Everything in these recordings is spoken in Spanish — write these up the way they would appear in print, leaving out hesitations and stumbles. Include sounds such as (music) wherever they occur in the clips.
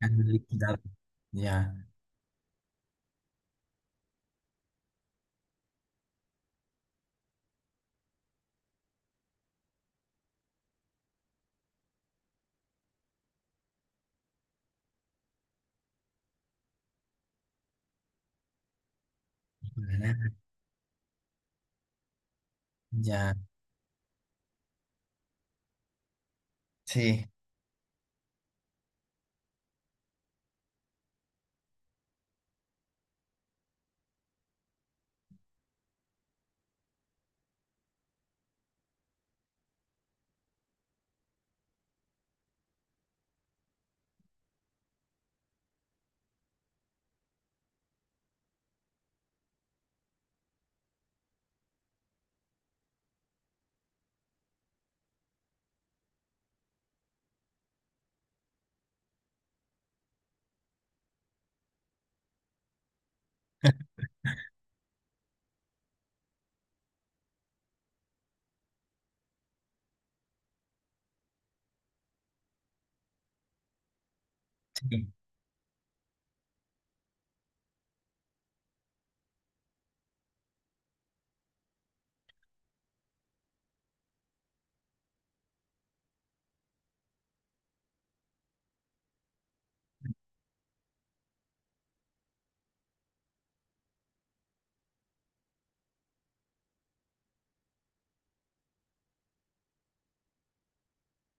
Han liquidado. Ya, ya, sí, sí.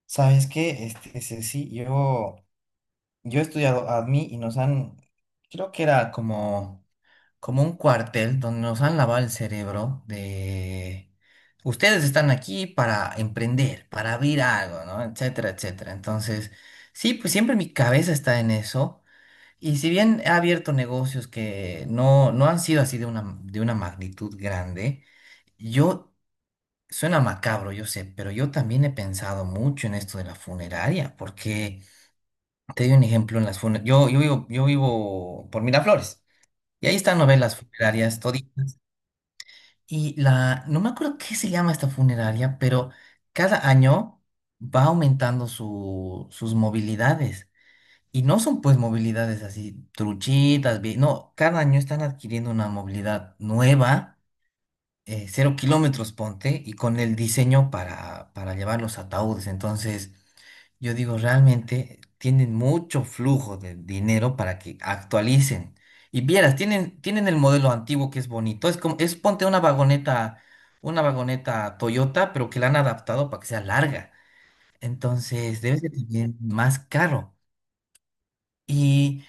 ¿Sabes qué? Ceci, yo he estudiado ADMI y nos han, creo que era como un cuartel donde nos han lavado el cerebro de, ustedes están aquí para emprender, para abrir algo, ¿no? Etcétera, etcétera. Entonces, sí, pues siempre mi cabeza está en eso. Y si bien he abierto negocios que no, no han sido así de una magnitud grande, yo... Suena macabro, yo sé, pero yo también he pensado mucho en esto de la funeraria, porque te doy un ejemplo en las funerarias. Yo vivo, yo vivo por Miraflores y ahí están novelas funerarias toditas. Y la, no me acuerdo qué se llama esta funeraria, pero cada año va aumentando sus movilidades. Y no son pues movilidades así truchitas, no, cada año están adquiriendo una movilidad nueva cero kilómetros, ponte, y con el diseño para llevar los ataúdes. Entonces, yo digo, realmente tienen mucho flujo de dinero para que actualicen. Y vieras, tienen el modelo antiguo que es bonito. Es como, es ponte una vagoneta Toyota, pero que la han adaptado para que sea larga. Entonces, debe ser también más caro. Y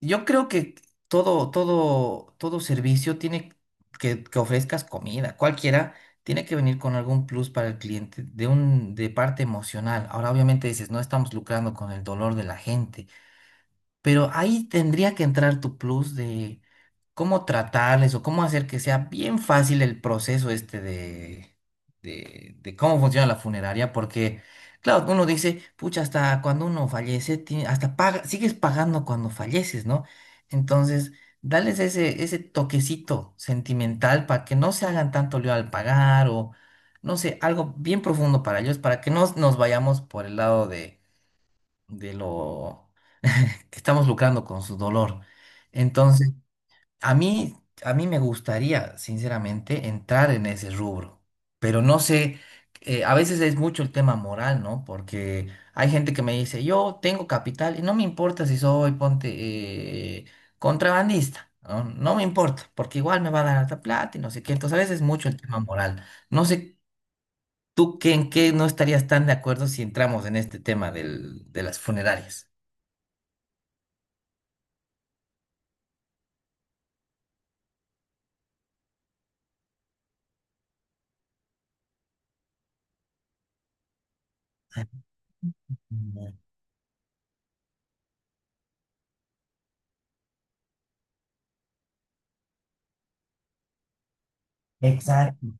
yo creo que todo servicio tiene que ofrezcas comida, cualquiera, tiene que venir con algún plus para el cliente, de parte emocional. Ahora, obviamente dices, no estamos lucrando con el dolor de la gente. Pero ahí tendría que entrar tu plus de cómo tratarles o cómo hacer que sea bien fácil el proceso este de cómo funciona la funeraria, porque claro, uno dice, pucha, hasta cuando uno fallece, hasta paga, sigues pagando cuando falleces, ¿no? Entonces, dales ese toquecito sentimental para que no se hagan tanto lío al pagar o, no sé, algo bien profundo para ellos, para que no nos vayamos por el lado de lo que estamos lucrando con su dolor. Entonces, a mí, a mí me gustaría, sinceramente, entrar en ese rubro, pero no sé, a veces es mucho el tema moral, ¿no? Porque hay gente que me dice, yo tengo capital y no me importa si soy, ponte, eh, contrabandista, ¿no? No me importa, porque igual me va a dar alta plata y no sé qué. Entonces, a veces es mucho el tema moral. No sé. ¿Tú qué, en qué no estarías tan de acuerdo si entramos en este tema de las funerarias? Mm, exacto.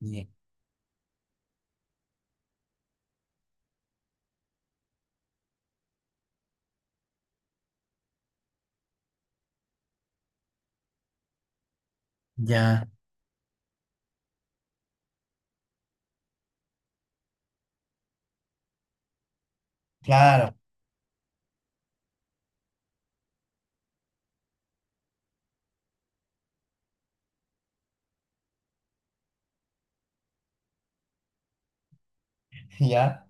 Ye- Ya, claro, (laughs) ya.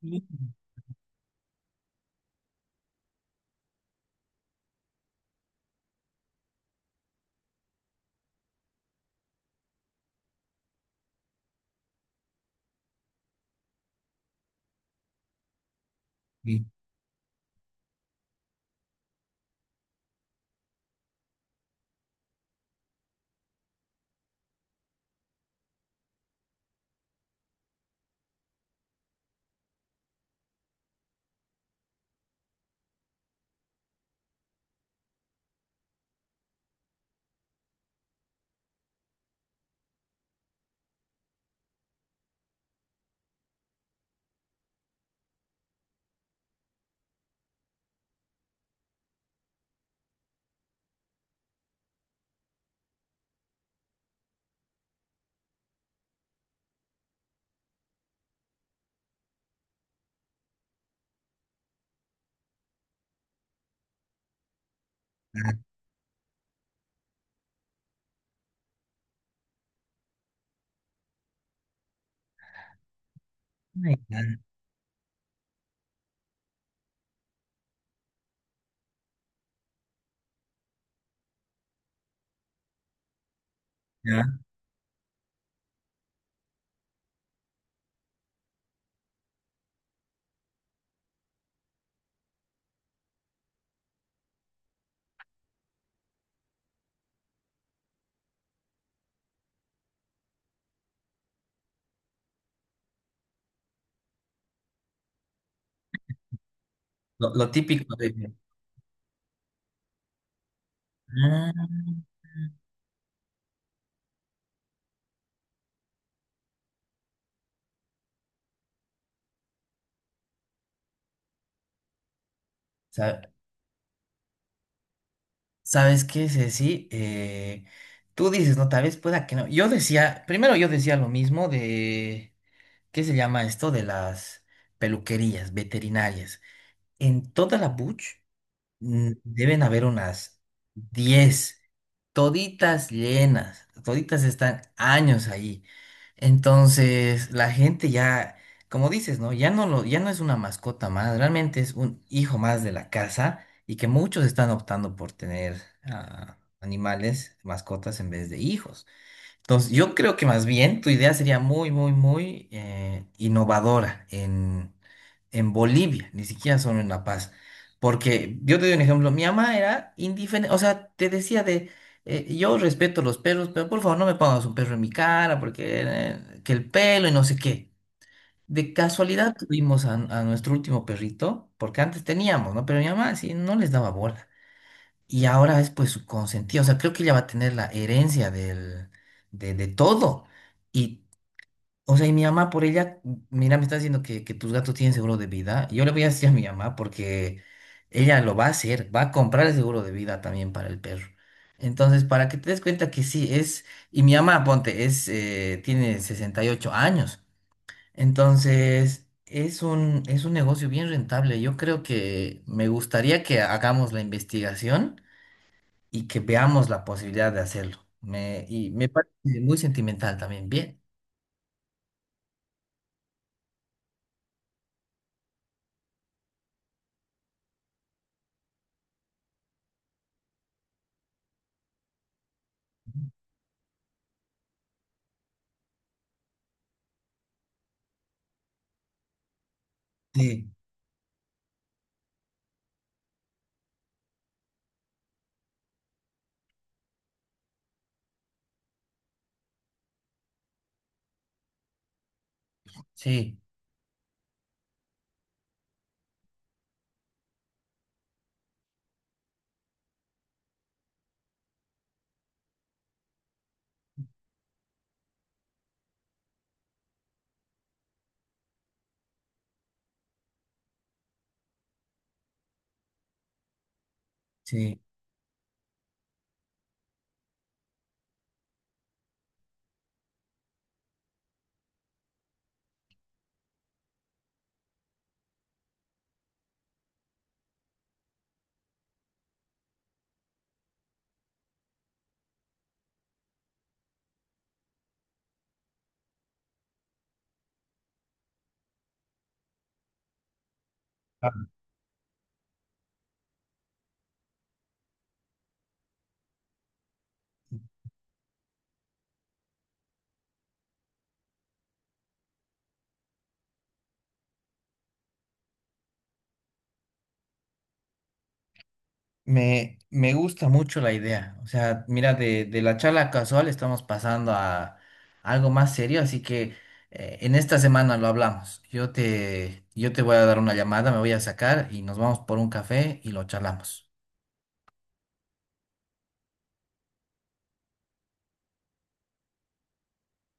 Sí. Sí, ah, ya, ya. Lo típico de... Ah, sa- ¿sabes qué es así? Tú dices, no, tal vez pueda que no. Yo decía, primero yo decía lo mismo de, ¿qué se llama esto? De las peluquerías veterinarias. En toda la Buch. Mm, deben haber unas 10 toditas llenas, toditas están años ahí. Entonces, la gente ya, como dices, ¿no? Ya no lo, ya no es una mascota más, realmente es un hijo más de la casa y que muchos están optando por tener animales, mascotas en vez de hijos. Entonces, yo creo que más bien tu idea sería muy innovadora en Bolivia, ni siquiera solo en La Paz. Porque yo te doy un ejemplo, mi mamá era indiferente, o sea, te decía de, yo respeto los perros, pero por favor no me pongas un perro en mi cara, porque que el pelo y no sé qué. De casualidad tuvimos a nuestro último perrito, porque antes teníamos, ¿no? Pero mi mamá sí no les daba bola. Y ahora es pues su consentida, o sea, creo que ella va a tener la herencia de todo. Y, o sea, y mi mamá por ella, mira, me está diciendo que tus gatos tienen seguro de vida. Yo le voy a decir a mi mamá porque ella lo va a hacer, va a comprar el seguro de vida también para el perro. Entonces, para que te des cuenta que sí, es, y mi mamá, ponte, es, tiene 68 años. Entonces, es un negocio bien rentable. Yo creo que me gustaría que hagamos la investigación y que veamos la posibilidad de hacerlo. Me, y me parece muy sentimental también. Bien. Sí, sí, sí. Ah, me gusta mucho la idea. O sea, mira, de la charla casual estamos pasando a algo más serio, así que en esta semana lo hablamos. Yo te voy a dar una llamada, me voy a sacar y nos vamos por un café y lo charlamos.